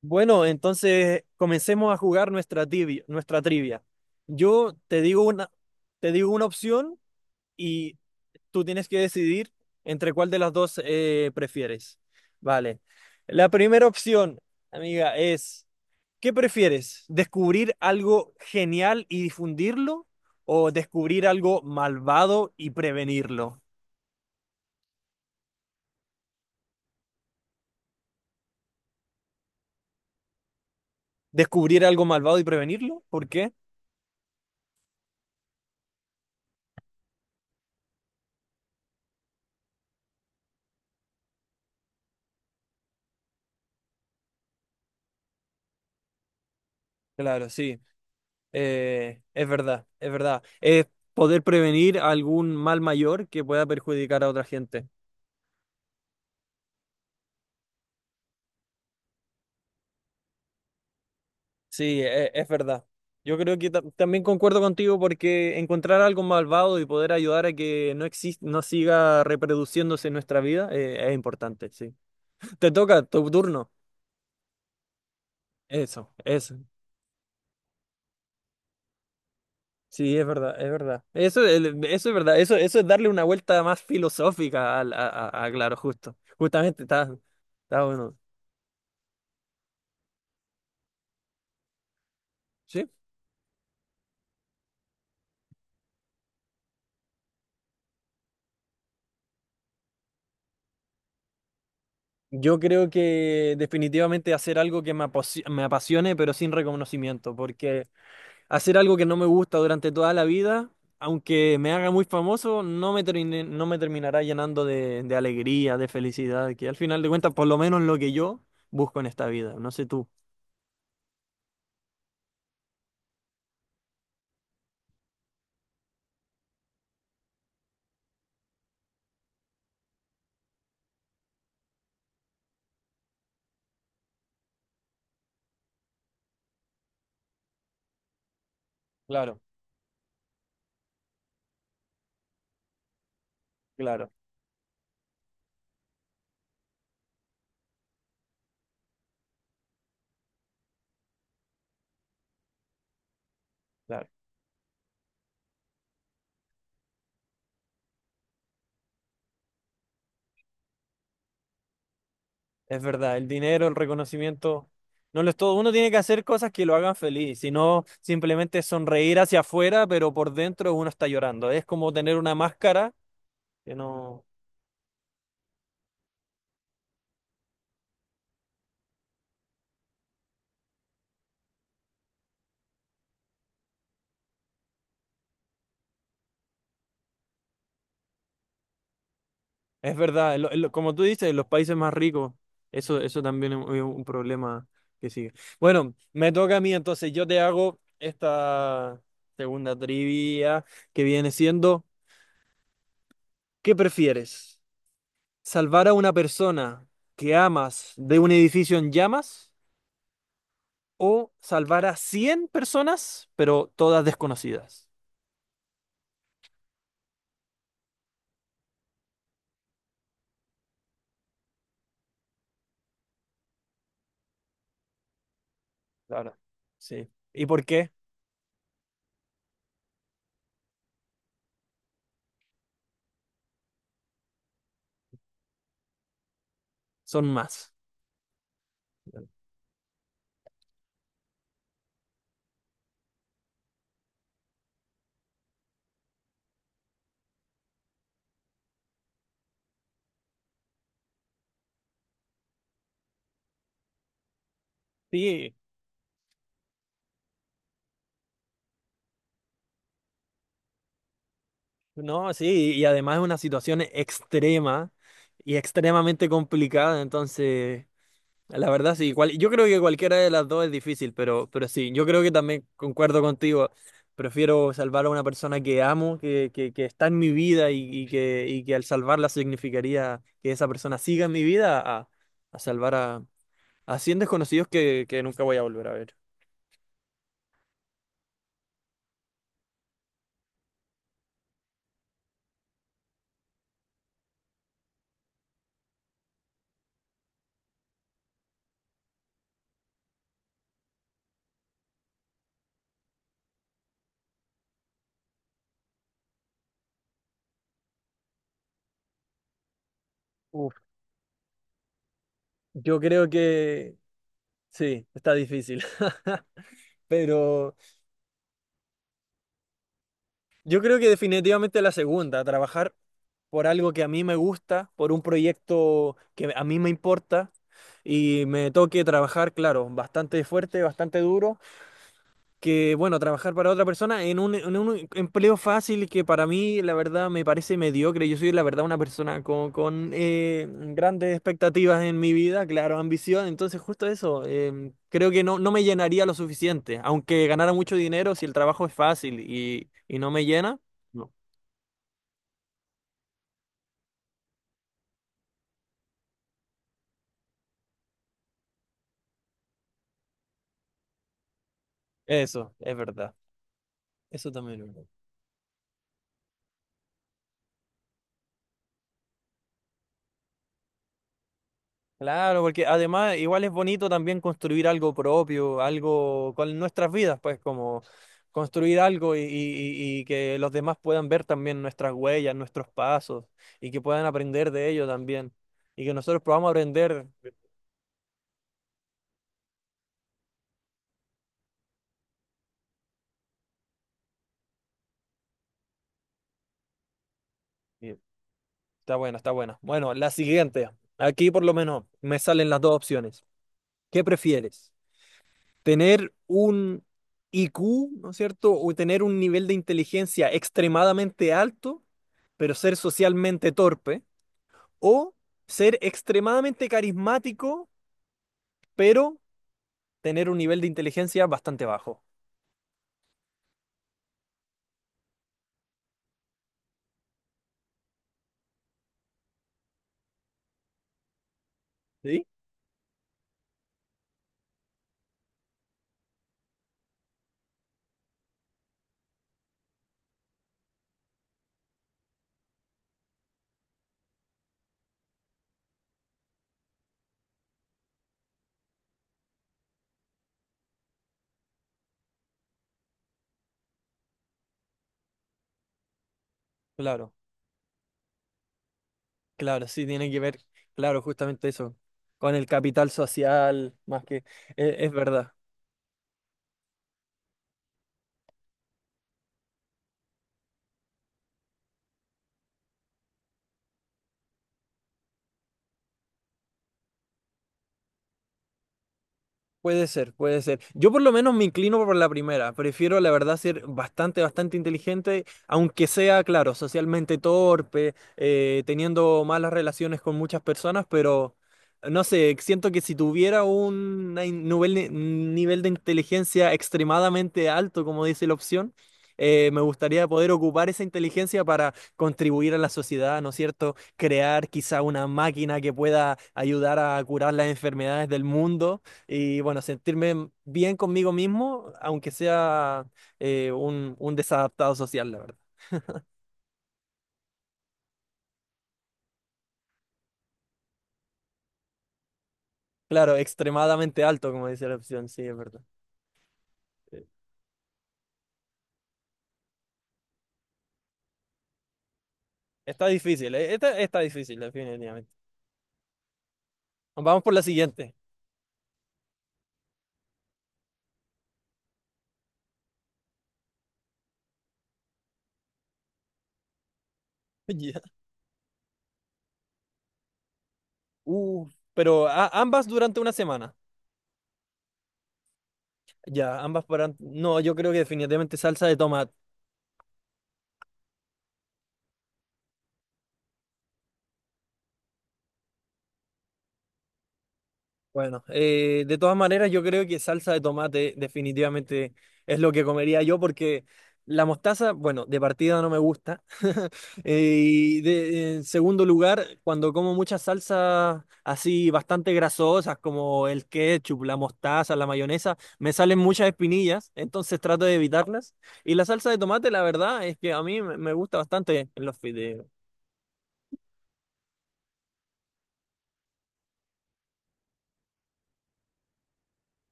Bueno, entonces comencemos a jugar nuestra trivia. Yo te digo una opción y tú tienes que decidir entre cuál de las dos prefieres. Vale. La primera opción, amiga, es, ¿qué prefieres? ¿Descubrir algo genial y difundirlo o descubrir algo malvado y prevenirlo? ¿Descubrir algo malvado y prevenirlo? ¿Por qué? Claro, sí. Es verdad, es verdad. Es poder prevenir algún mal mayor que pueda perjudicar a otra gente. Sí, es, verdad. Yo creo que también concuerdo contigo porque encontrar algo malvado y poder ayudar a que no siga reproduciéndose en nuestra vida es importante, sí. Te toca tu turno. Eso, eso. Sí, es verdad, es verdad. Eso, eso es verdad. Eso es darle una vuelta más filosófica claro, justo. Justamente está, está bueno. ¿Sí? Yo creo que definitivamente hacer algo que me apasione, pero sin reconocimiento, porque hacer algo que no me gusta durante toda la vida, aunque me haga muy famoso, no me terminará llenando de alegría, de felicidad, que al final de cuentas, por lo menos lo que yo busco en esta vida, no sé tú. Claro, claro, claro. Es verdad, el dinero, el reconocimiento, no lo es todo. Uno tiene que hacer cosas que lo hagan feliz, si no simplemente sonreír hacia afuera, pero por dentro uno está llorando. Es como tener una máscara. Que no. Es verdad, como tú dices, los países más ricos, eso también es es un problema que sigue. Bueno, me toca a mí entonces, yo te hago esta segunda trivia que viene siendo, ¿qué prefieres? ¿Salvar a una persona que amas de un edificio en llamas o salvar a 100 personas, pero todas desconocidas? Claro. Sí. ¿Y por qué? Son más. Sí. No, sí, y además es una situación extrema y extremadamente complicada, entonces, la verdad sí, yo creo que cualquiera de las dos es difícil, pero sí, yo creo que también concuerdo contigo, prefiero salvar a una persona que amo, que está en mi vida y y que al salvarla significaría que esa persona siga en mi vida a salvar a 100 desconocidos que nunca voy a volver a ver. Uf, yo creo que sí, está difícil, pero... Yo creo que definitivamente la segunda, trabajar por algo que a mí me gusta, por un proyecto que a mí me importa y me toque trabajar, claro, bastante fuerte, bastante duro, que bueno, trabajar para otra persona en en un empleo fácil que para mí la verdad me parece mediocre. Yo soy la verdad una persona grandes expectativas en mi vida, claro, ambición, entonces justo eso, creo que no, no me llenaría lo suficiente, aunque ganara mucho dinero si el trabajo es fácil y no me llena. No. Eso, es verdad. Eso también es verdad. Claro, porque además igual es bonito también construir algo propio, algo con nuestras vidas, pues como construir algo y que los demás puedan ver también nuestras huellas, nuestros pasos y que puedan aprender de ello también. Y que nosotros podamos aprender. Y está buena, está buena. Bueno, la siguiente. Aquí por lo menos me salen las dos opciones. ¿Qué prefieres? Tener un IQ, ¿no es cierto? O tener un nivel de inteligencia extremadamente alto, pero ser socialmente torpe, o ser extremadamente carismático, pero tener un nivel de inteligencia bastante bajo. ¿Sí? Claro, claro, sí, tiene que ver, claro, justamente eso, con el capital social, más que, es, verdad. Puede ser, puede ser. Yo por lo menos me inclino por la primera. Prefiero, la verdad, ser bastante, bastante inteligente, aunque sea, claro, socialmente torpe, teniendo malas relaciones con muchas personas, pero no sé, siento que si tuviera un nivel de inteligencia extremadamente alto, como dice la opción, me gustaría poder ocupar esa inteligencia para contribuir a la sociedad, ¿no es cierto? Crear quizá una máquina que pueda ayudar a curar las enfermedades del mundo y bueno, sentirme bien conmigo mismo, aunque sea un desadaptado social, la verdad. Claro, extremadamente alto, como dice la opción, sí, es verdad. Eh, Está difícil, Esta está difícil, definitivamente. Vamos por la siguiente. Ya. Uh, pero ambas durante una semana. Ya, ambas para... No, yo creo que definitivamente salsa de tomate. Bueno, de todas maneras, yo creo que salsa de tomate definitivamente es lo que comería yo porque la mostaza, bueno, de partida no me gusta. Eh, y en segundo lugar, cuando como muchas salsas así bastante grasosas como el ketchup, la mostaza, la mayonesa, me salen muchas espinillas, entonces trato de evitarlas. Y la salsa de tomate, la verdad, es que a mí me gusta bastante en los fideos.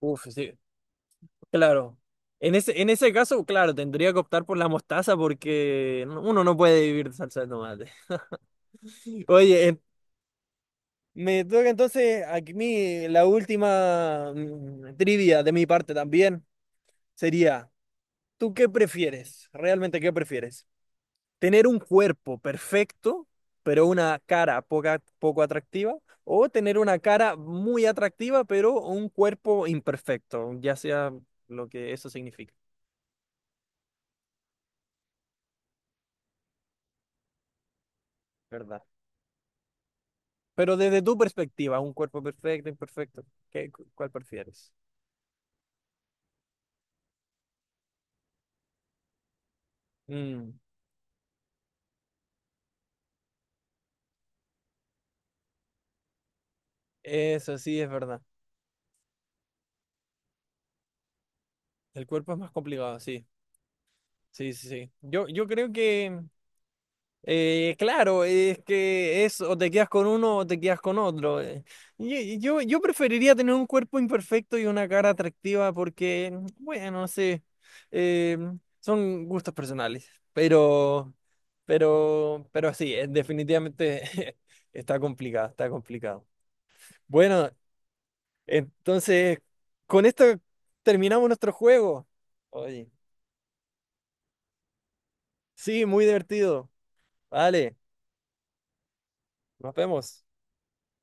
Uf, sí, claro. En ese caso, claro, tendría que optar por la mostaza porque uno no puede vivir de salsa de tomate. Oye, me toca entonces a mí la última trivia de mi parte también. Sería, ¿tú qué prefieres? ¿Realmente qué prefieres? ¿Tener un cuerpo perfecto, pero una cara poco atractiva? ¿O tener una cara muy atractiva, pero un cuerpo imperfecto? Ya sea lo que eso significa, ¿verdad? Pero desde tu perspectiva, un cuerpo perfecto, imperfecto, ¿cuál prefieres? Mm, eso sí es verdad. El cuerpo es más complicado, sí. Sí, sí, sí. Yo creo que eh, claro, es que es o te quedas con uno o te quedas con otro, eh. Yo preferiría tener un cuerpo imperfecto y una cara atractiva porque, bueno, no sé, eh, son gustos personales, pero, pero sí, definitivamente está complicado, está complicado. Bueno, entonces, con esto terminamos nuestro juego. Oye, sí, muy divertido. Vale, nos vemos.